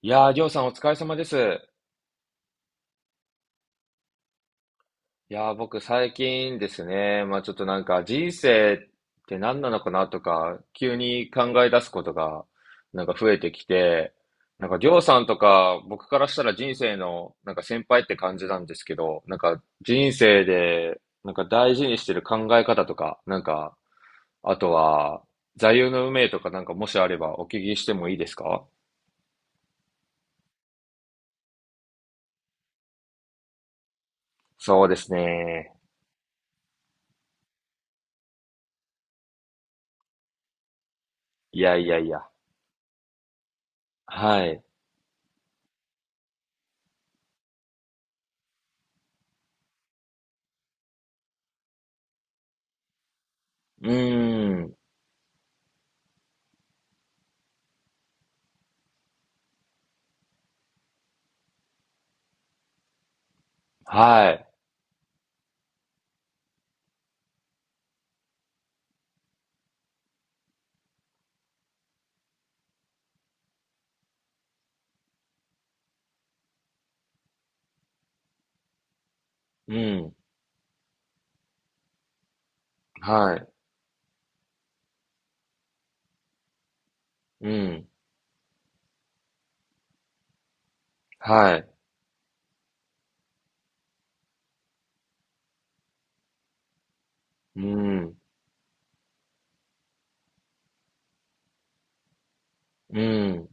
いやー、りょうさんお疲れ様です。いやー、僕最近ですね、まあちょっとなんか人生って何なのかなとか、急に考え出すことがなんか増えてきて、なんかりょうさんとか僕からしたら人生のなんか先輩って感じなんですけど、なんか人生でなんか大事にしてる考え方とか、なんか、あとは座右の銘とかなんかもしあればお聞きしてもいいですか？そうですね。いやいやいや。はい。うーん。はい。うん。はい。うん。はい。うん。うん。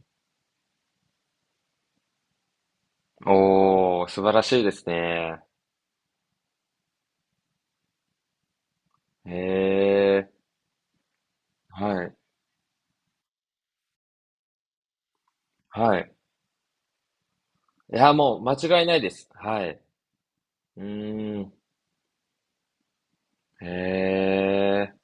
おお、素晴らしいですね。へえ。はい。はい。いや、もう間違いないです。はい。うーん。へえ。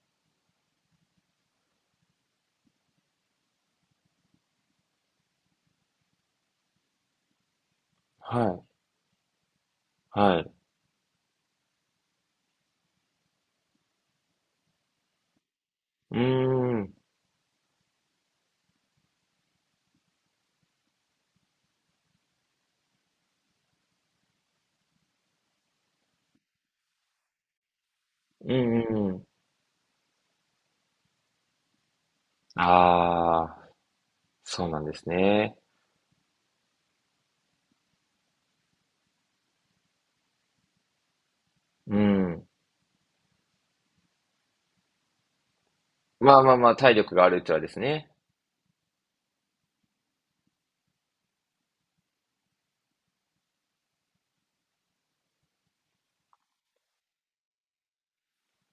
はい。はい。うーん。うんうんうん。ああ、そうなんですね。うん。まあまあまあ、体力があるうちはですね。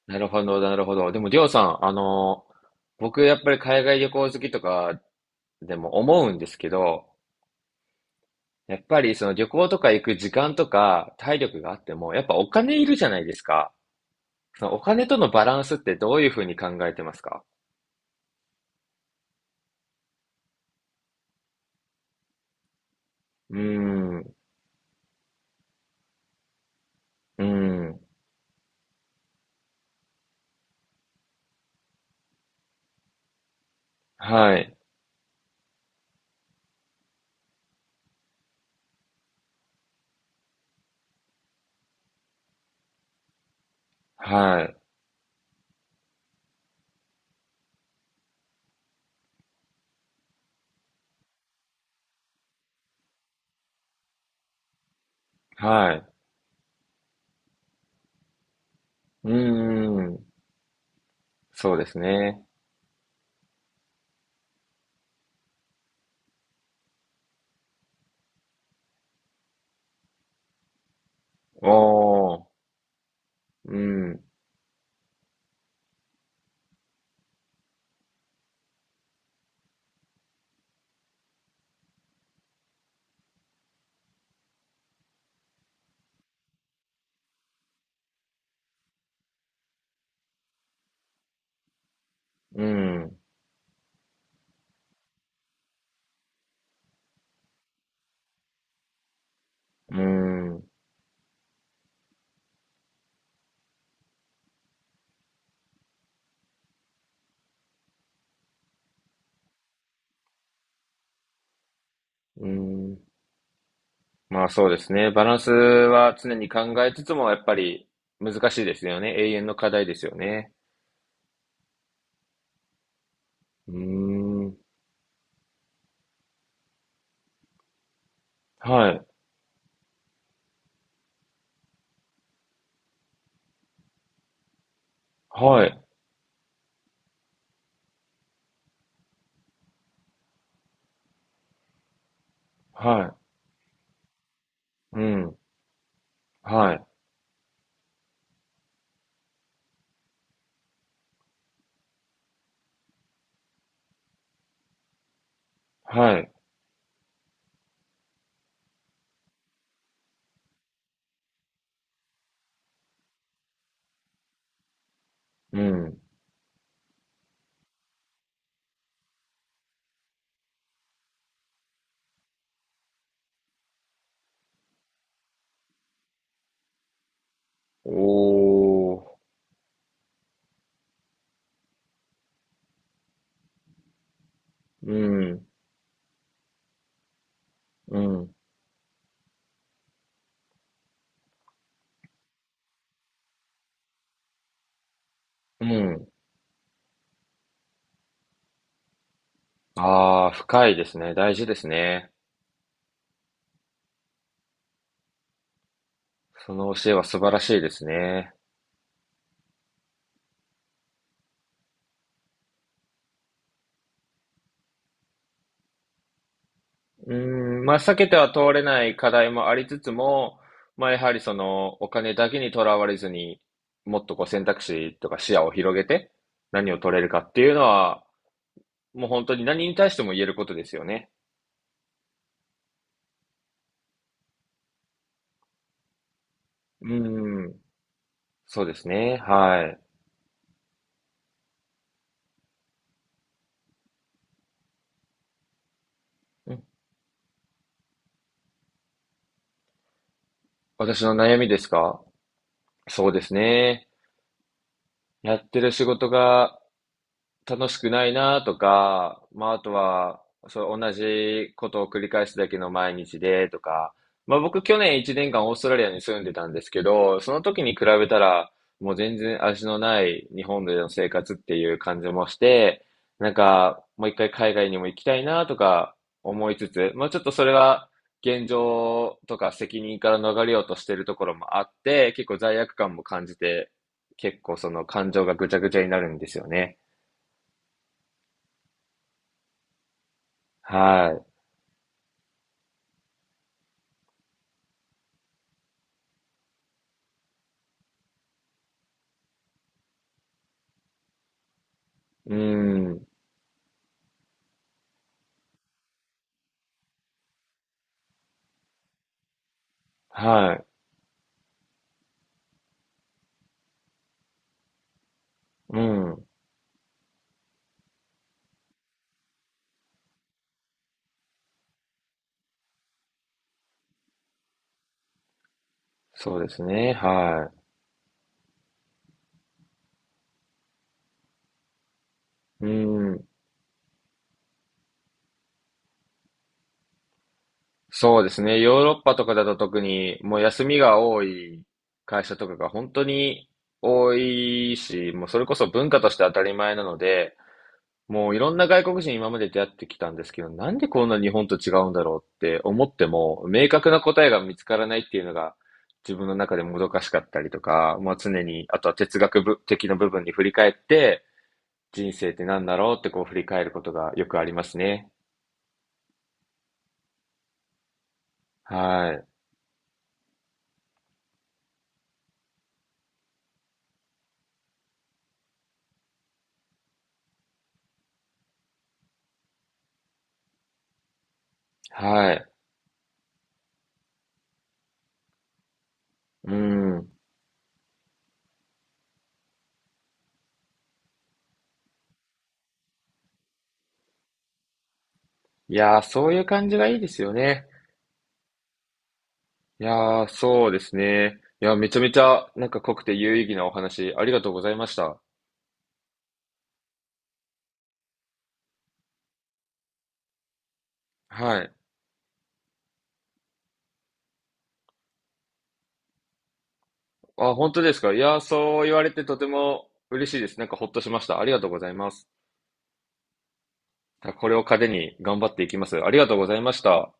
なるほど、なるほど。でも、りょうさん、僕やっぱり海外旅行好きとかでも思うんですけど、やっぱりその旅行とか行く時間とか体力があっても、やっぱお金いるじゃないですか。そのお金とのバランスってどういうふうに考えてますか？うーん、うーん、はい、はい、はい、うーん、そうですね。おー、うん、うん、うん、うん。まあそうですね。バランスは常に考えつつも、やっぱり難しいですよね。永遠の課題ですよね。うーん、はい。はい、はい、うん、はい、はい、うん。おー、うん、うん、うん。ああ、深いですね。大事ですね。その教えは素晴らしいですね。うーん、まあ、避けては通れない課題もありつつも、まあ、やはりその、お金だけにとらわれずに、もっとこう選択肢とか視野を広げて、何を取れるかっていうのは、もう本当に何に対しても言えることですよね。うーん、そうですね、はい。私の悩みですか？そうですね。やってる仕事が楽しくないなとか、まあ、あとは、そう、同じことを繰り返すだけの毎日でとか、まあ、僕去年1年間オーストラリアに住んでたんですけど、その時に比べたら、もう全然味のない日本での生活っていう感じもして、なんか、もう一回海外にも行きたいなとか思いつつ、まあ、ちょっとそれは現状とか責任から逃れようとしてるところもあって、結構罪悪感も感じて、結構その感情がぐちゃぐちゃになるんですよね。はい。うん。はい。うん。そうですね。はい。うん。そうですね。ヨーロッパとかだと特に、もう休みが多い会社とかが本当に多いし、もうそれこそ文化として当たり前なので、もういろんな外国人今まで出会ってきたんですけど、なんでこんな日本と違うんだろうって思っても、明確な答えが見つからないっていうのが、自分の中でもどかしかったりとか、まあ常に、あとは哲学部的な部分に振り返って、人生って何だろうってこう振り返ることがよくありますね。はい。はい。うん。いやー、そういう感じがいいですよね。いやー、そうですね。いや、めちゃめちゃなんか濃くて有意義なお話、ありがとうございました。はい。あ、本当ですか？いやー、そう言われてとても嬉しいです。なんかほっとしました。ありがとうございます。これを糧に頑張っていきます。ありがとうございました。